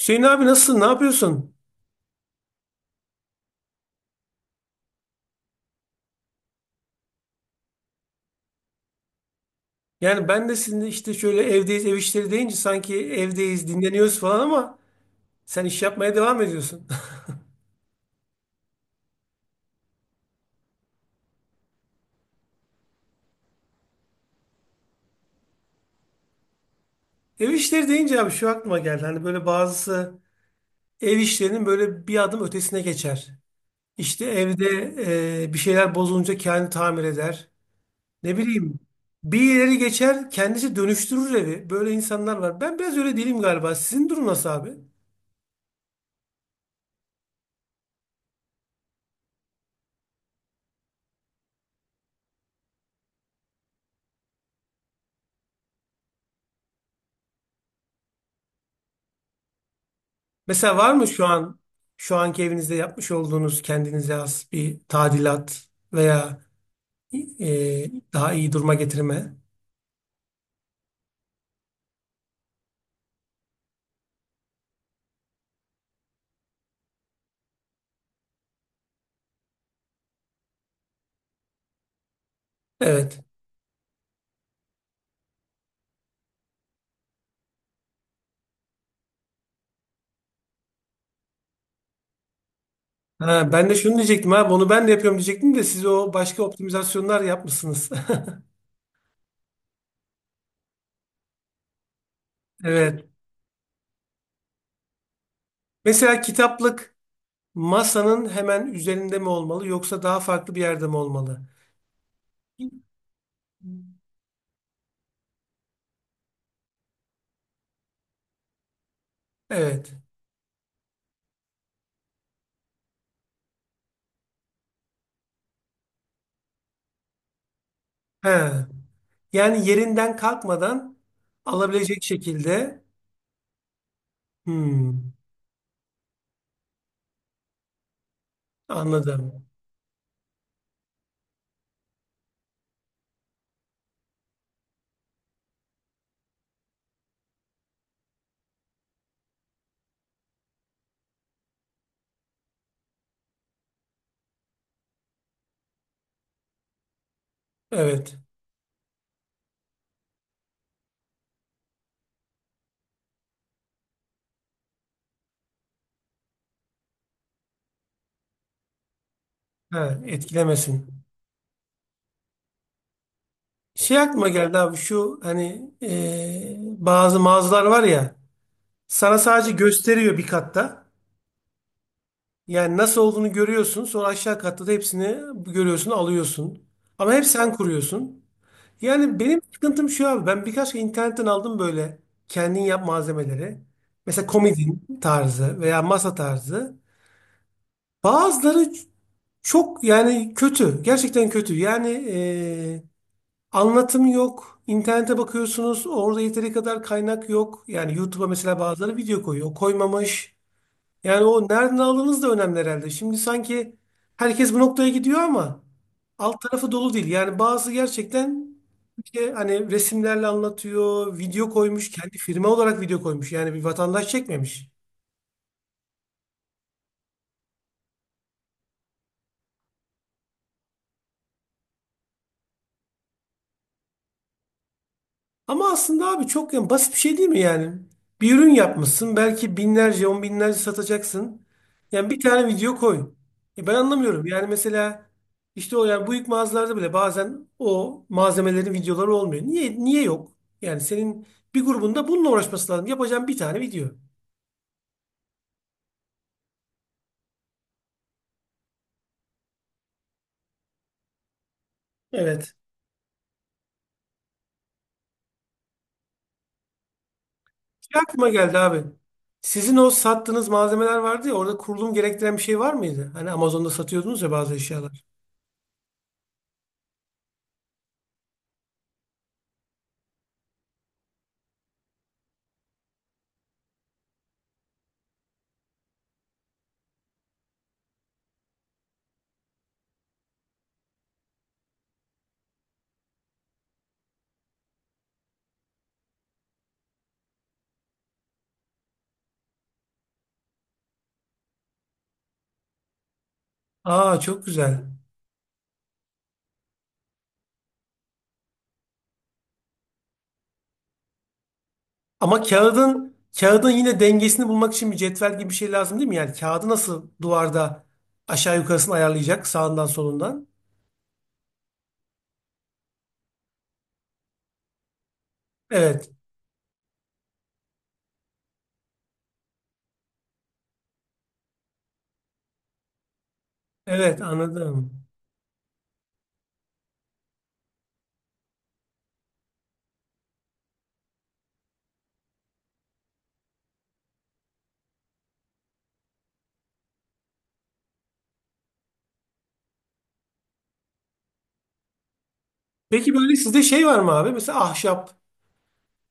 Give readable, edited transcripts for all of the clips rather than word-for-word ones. Hüseyin abi nasılsın? Ne yapıyorsun? Yani ben de sizinle işte şöyle evdeyiz, ev işleri deyince sanki evdeyiz, dinleniyoruz falan ama sen iş yapmaya devam ediyorsun. Ev işleri deyince abi şu aklıma geldi. Hani böyle bazısı ev işlerinin böyle bir adım ötesine geçer. İşte evde bir şeyler bozulunca kendi tamir eder. Ne bileyim bir ileri geçer kendisi dönüştürür evi. Böyle insanlar var. Ben biraz öyle değilim galiba. Sizin durum nasıl abi? Mesela var mı şu an şu anki evinizde yapmış olduğunuz kendinize has bir tadilat veya daha iyi duruma getirme? Evet. Ha, ben de şunu diyecektim ha bunu ben de yapıyorum diyecektim de siz o başka optimizasyonlar yapmışsınız. Evet. Mesela kitaplık masanın hemen üzerinde mi olmalı yoksa daha farklı bir yerde mi olmalı? Evet. He. Yani yerinden kalkmadan alabilecek şekilde. Hmm, anladım. Evet. Ha, etkilemesin. Şey aklıma geldi abi şu hani bazı mağazalar var ya sana sadece gösteriyor bir katta. Yani nasıl olduğunu görüyorsun sonra aşağı katta da hepsini görüyorsun alıyorsun. Ama hep sen kuruyorsun. Yani benim sıkıntım şu abi ben birkaç kere internetten aldım böyle kendin yap malzemeleri. Mesela komodin tarzı veya masa tarzı. Bazıları çok yani kötü gerçekten kötü yani e, Anlatım yok. İnternete bakıyorsunuz. Orada yeteri kadar kaynak yok. Yani YouTube'a mesela bazıları video koyuyor. Koymamış. Yani o nereden aldığınız da önemli herhalde. Şimdi sanki herkes bu noktaya gidiyor ama alt tarafı dolu değil. Yani bazı gerçekten işte hani resimlerle anlatıyor. Video koymuş. Kendi firma olarak video koymuş. Yani bir vatandaş çekmemiş. Ama aslında abi çok yani basit bir şey değil mi yani? Bir ürün yapmışsın belki binlerce on binlerce satacaksın. Yani bir tane video koy. Ben anlamıyorum. Yani mesela işte o yani büyük mağazalarda bile bazen o malzemelerin videoları olmuyor. Niye yok? Yani senin bir grubunda bununla uğraşması lazım. Yapacağın bir tane video. Evet. Şey aklıma geldi abi. Sizin o sattığınız malzemeler vardı ya orada kurulum gerektiren bir şey var mıydı? Hani Amazon'da satıyordunuz ya bazı eşyalar. Aa çok güzel. Ama kağıdın yine dengesini bulmak için bir cetvel gibi bir şey lazım değil mi? Yani kağıdı nasıl duvarda aşağı yukarısını ayarlayacak sağından solundan? Evet. Evet anladım. Peki böyle sizde şey var mı abi? Mesela ahşap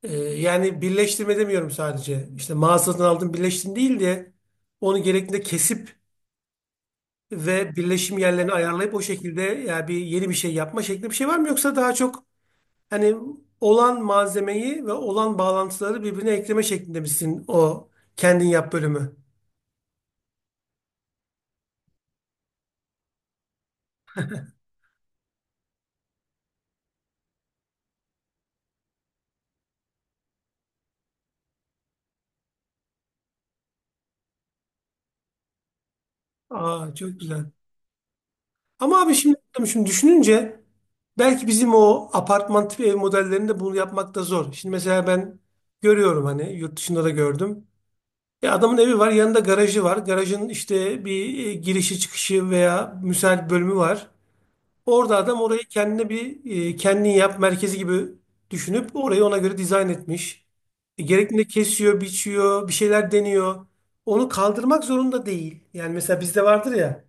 yani birleştirme demiyorum sadece. İşte mağazadan aldım birleştim değil de onu gerektiğinde kesip ve birleşim yerlerini ayarlayıp o şekilde yani bir yeni bir şey yapma şeklinde bir şey var mı? Yoksa daha çok hani olan malzemeyi ve olan bağlantıları birbirine ekleme şeklinde misin o kendin yap bölümü? Aa çok güzel. Ama abi şimdi düşününce belki bizim o apartman tipi ev modellerinde bunu yapmak da zor. Şimdi mesela ben görüyorum hani yurt dışında da gördüm. Adamın evi var yanında garajı var. Garajın işte bir girişi çıkışı veya müsait bölümü var. Orada adam orayı kendine bir kendin yap merkezi gibi düşünüp orayı ona göre dizayn etmiş. Gerektiğinde kesiyor, biçiyor, bir şeyler deniyor. Onu kaldırmak zorunda değil. Yani mesela bizde vardır ya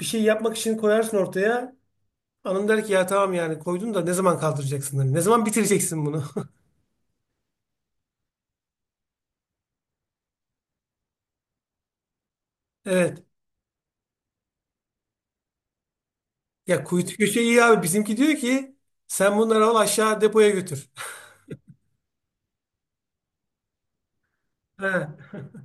bir şey yapmak için koyarsın ortaya. Hanım der ki ya tamam yani koydun da ne zaman kaldıracaksın? Hani ne zaman bitireceksin bunu? Evet. Ya kuytu köşe iyi abi. Bizimki diyor ki sen bunları al aşağı depoya götür. He.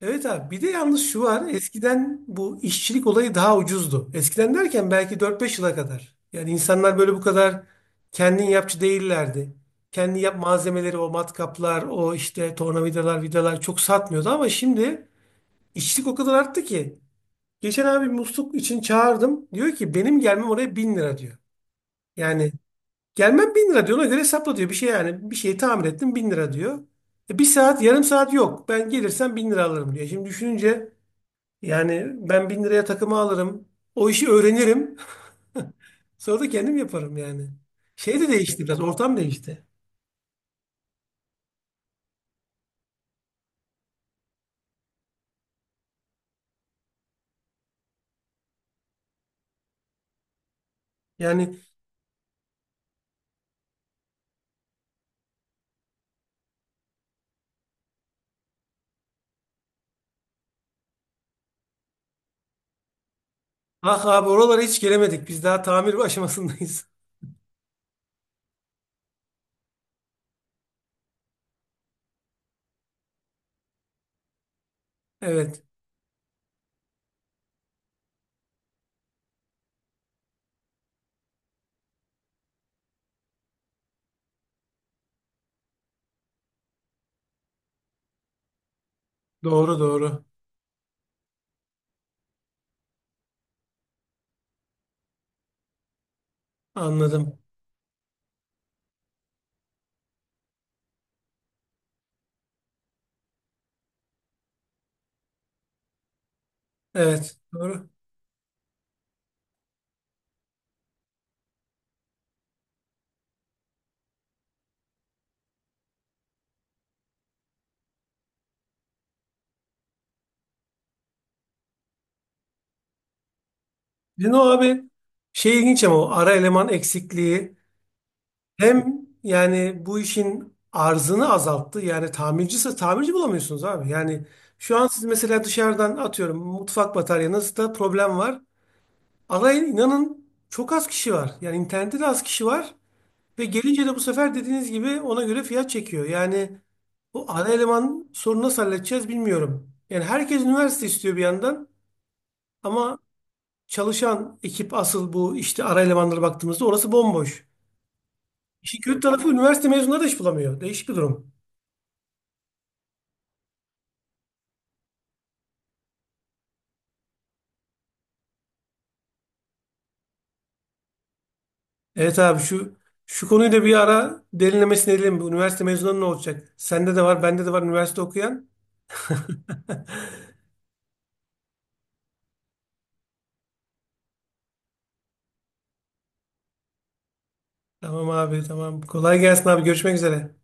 Evet abi bir de yalnız şu var eskiden bu işçilik olayı daha ucuzdu. Eskiden derken belki 4-5 yıla kadar. Yani insanlar böyle bu kadar kendin yapçı değillerdi. Kendi yap malzemeleri o matkaplar o işte tornavidalar vidalar çok satmıyordu ama şimdi işçilik o kadar arttı ki. Geçen abi musluk için çağırdım diyor ki benim gelmem oraya 1.000 lira diyor. Yani gelmem 1.000 lira diyor ona göre hesapla diyor bir şey yani bir şeyi tamir ettim 1.000 lira diyor. Bir saat yarım saat yok ben gelirsem 1.000 lira alırım diyor. Şimdi düşününce yani ben 1.000 liraya takımı alırım. O işi öğrenirim. Sonra da kendim yaparım yani. Şey de değişti biraz. Ortam değişti. Yani ah abi oralara hiç gelemedik. Biz daha tamir aşamasındayız. Evet. Doğru doğru. Anladım. Evet. Doğru. Bizim o abi şey ilginç ama o ara eleman eksikliği hem yani bu işin arzını azalttı. Yani tamircisi tamirci bulamıyorsunuz abi. Yani şu an siz mesela dışarıdan atıyorum mutfak bataryanızda problem var. Alay inanın çok az kişi var. Yani internette de az kişi var. Ve gelince de bu sefer dediğiniz gibi ona göre fiyat çekiyor. Yani bu ana eleman sorunu nasıl halledeceğiz bilmiyorum. Yani herkes üniversite istiyor bir yandan. Ama çalışan ekip asıl bu işte ara elemanlara baktığımızda orası bomboş. İşin kötü tarafı üniversite mezunları da iş bulamıyor. Değişik bir durum. Evet abi şu konuyu da bir ara derinlemesine edelim. Bu üniversite mezunları ne olacak? Sende de var, bende de var üniversite okuyan. Tamam abi tamam. Kolay gelsin abi. Görüşmek üzere.